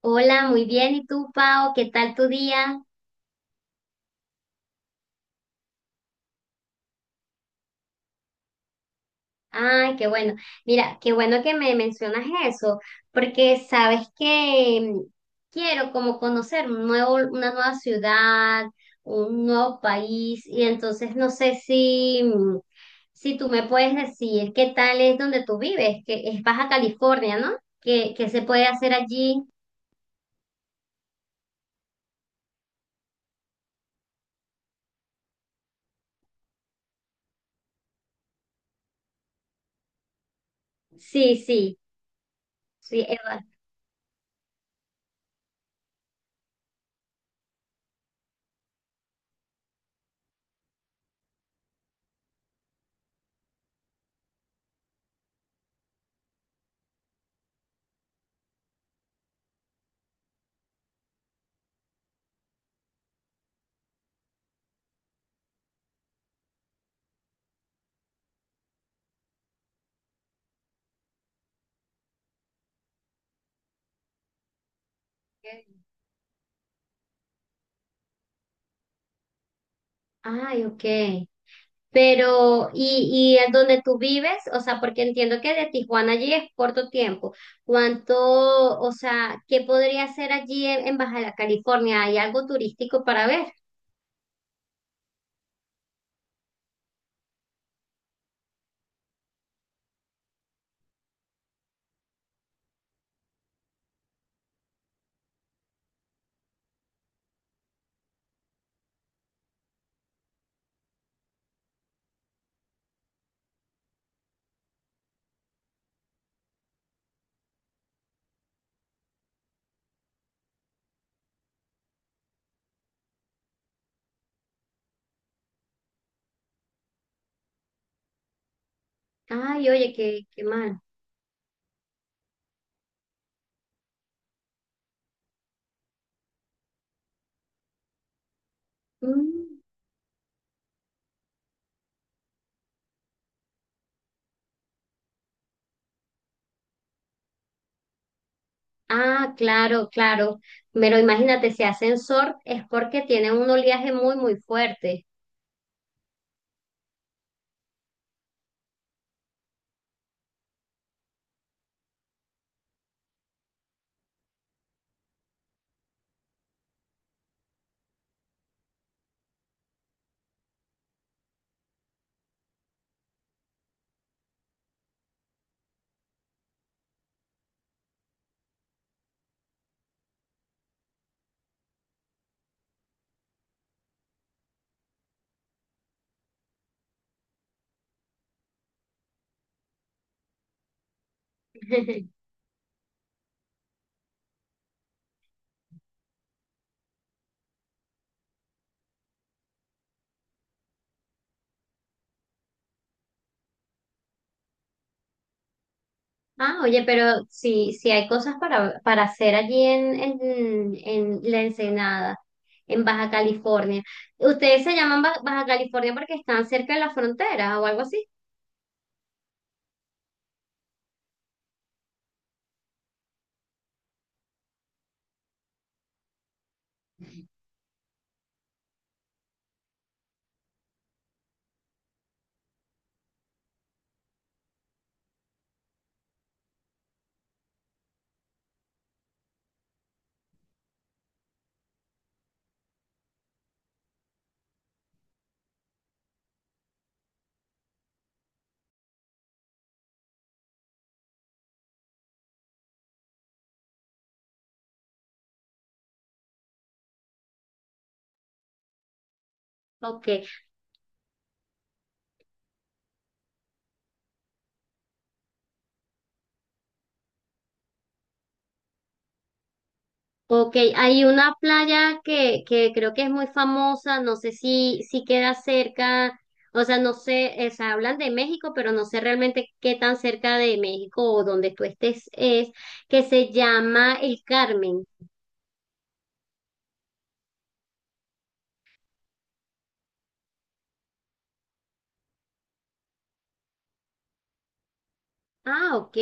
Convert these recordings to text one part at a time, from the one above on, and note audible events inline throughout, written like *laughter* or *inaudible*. Hola, muy bien. ¿Y tú, Pau? ¿Qué tal tu día? Ay, qué bueno. Mira, qué bueno que me mencionas eso, porque sabes que quiero como conocer un nuevo, una nueva ciudad, un nuevo país, y entonces no sé si, si tú me puedes decir qué tal es donde tú vives, que es Baja California, ¿no? ¿Qué se puede hacer allí? Sí, sí, sí, Eva. Ay, ok. Pero, y es donde tú vives, o sea, porque entiendo que de Tijuana allí es corto tiempo. ¿Cuánto, o sea, qué podría hacer allí en Baja California? ¿Hay algo turístico para ver? Ay, oye, qué mal. Mm. Ah, claro, claro. Pero imagínate, si ascensor es porque tiene un oleaje muy, muy fuerte. *laughs* Ah, oye, pero sí, sí hay cosas para hacer allí en La Ensenada, en Baja California. ¿Ustedes se llaman Baja California porque están cerca de la frontera o algo así? Ok, ok. Hay una playa que creo que es muy famosa, no sé si, si queda cerca, o sea, no sé, se hablan de México, pero no sé realmente qué tan cerca de México o donde tú estés es, que se llama El Carmen. Ah, ok.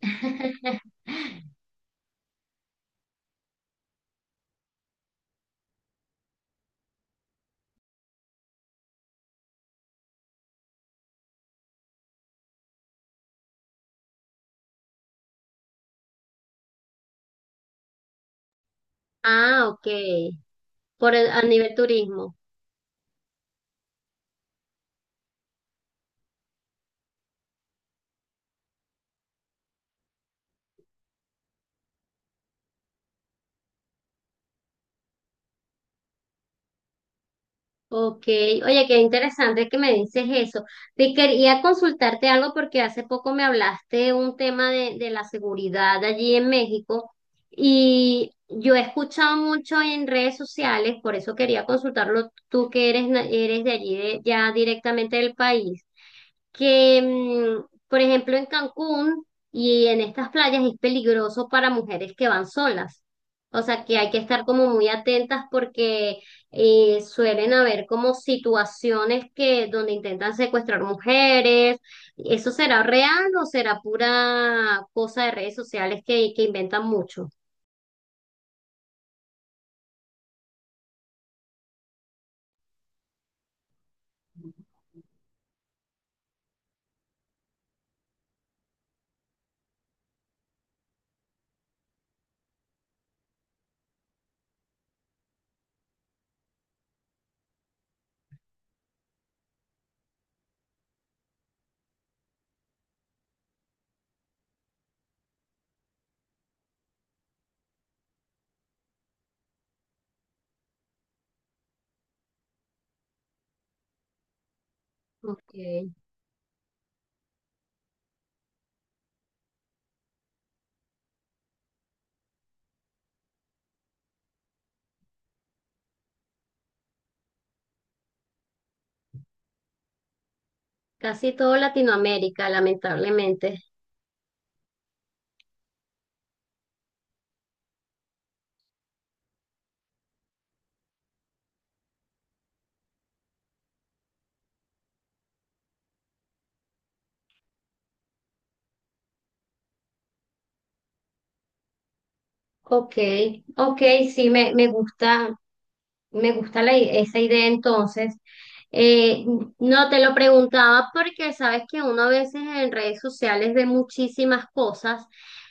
*laughs* Ah, ok. A nivel turismo. Ok. Oye, qué interesante que me dices eso. Te quería consultarte algo porque hace poco me hablaste un tema de la seguridad allí en México y yo he escuchado mucho en redes sociales, por eso quería consultarlo tú que eres de allí, ya directamente del país. Que, mm, por ejemplo, en Cancún y en estas playas es peligroso para mujeres que van solas. O sea, que hay que estar como muy atentas porque suelen haber como situaciones que donde intentan secuestrar mujeres. ¿Eso será real o será pura cosa de redes sociales que inventan mucho? Ok. Casi todo Latinoamérica, lamentablemente. Ok, ok, sí, me gusta, me gusta esa idea entonces. Eh, no te lo preguntaba porque sabes que uno a veces en redes sociales ve muchísimas cosas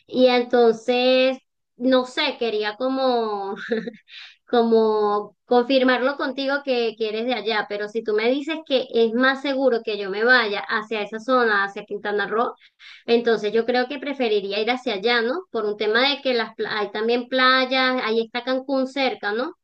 y entonces, no sé, quería como, *laughs* como confirmarlo contigo que eres de allá, pero si tú me dices que es más seguro que yo me vaya hacia esa zona, hacia Quintana Roo, entonces yo creo que preferiría ir hacia allá, ¿no? Por un tema de que las hay también playas, ahí está Cancún cerca, ¿no?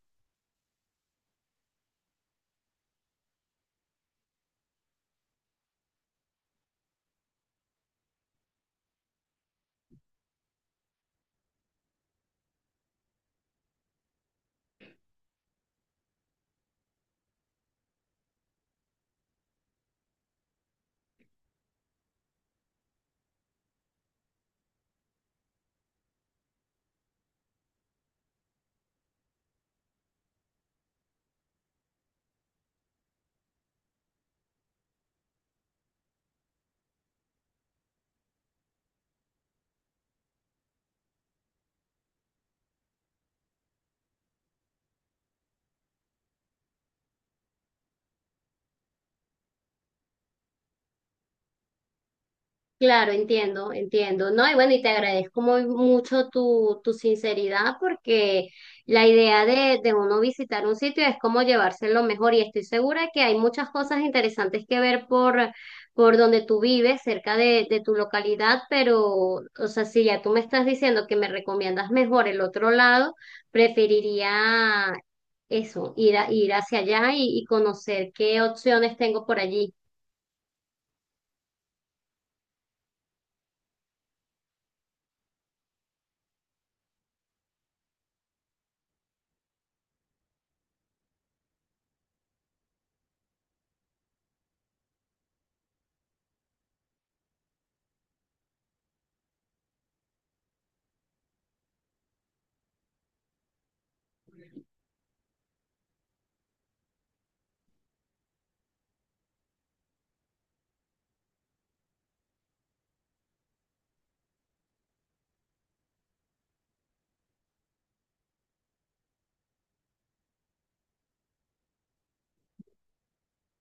Claro, entiendo, entiendo, ¿no? Y bueno, y te agradezco muy mucho tu sinceridad porque la idea de uno visitar un sitio es como llevárselo mejor y estoy segura que hay muchas cosas interesantes que ver por donde tú vives, cerca de tu localidad, pero, o sea, si ya tú me estás diciendo que me recomiendas mejor el otro lado, preferiría eso, ir hacia allá y conocer qué opciones tengo por allí.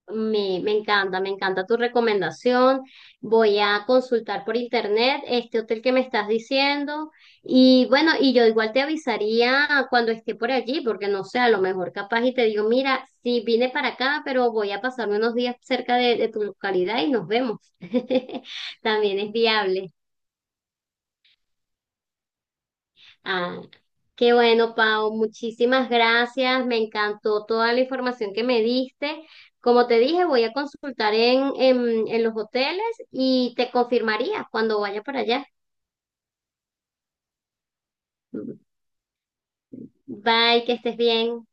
Me encanta, me encanta tu recomendación. Voy a consultar por internet este hotel que me estás diciendo. Y bueno, y yo igual te avisaría cuando esté por allí, porque no sé, a lo mejor capaz y te digo, mira, sí vine para acá, pero voy a pasarme unos días cerca de tu localidad y nos vemos. *laughs* También es viable. Ah, qué bueno, Pau. Muchísimas gracias. Me encantó toda la información que me diste. Como te dije, voy a consultar en los hoteles y te confirmaría cuando vaya para allá. Bye, que estés bien.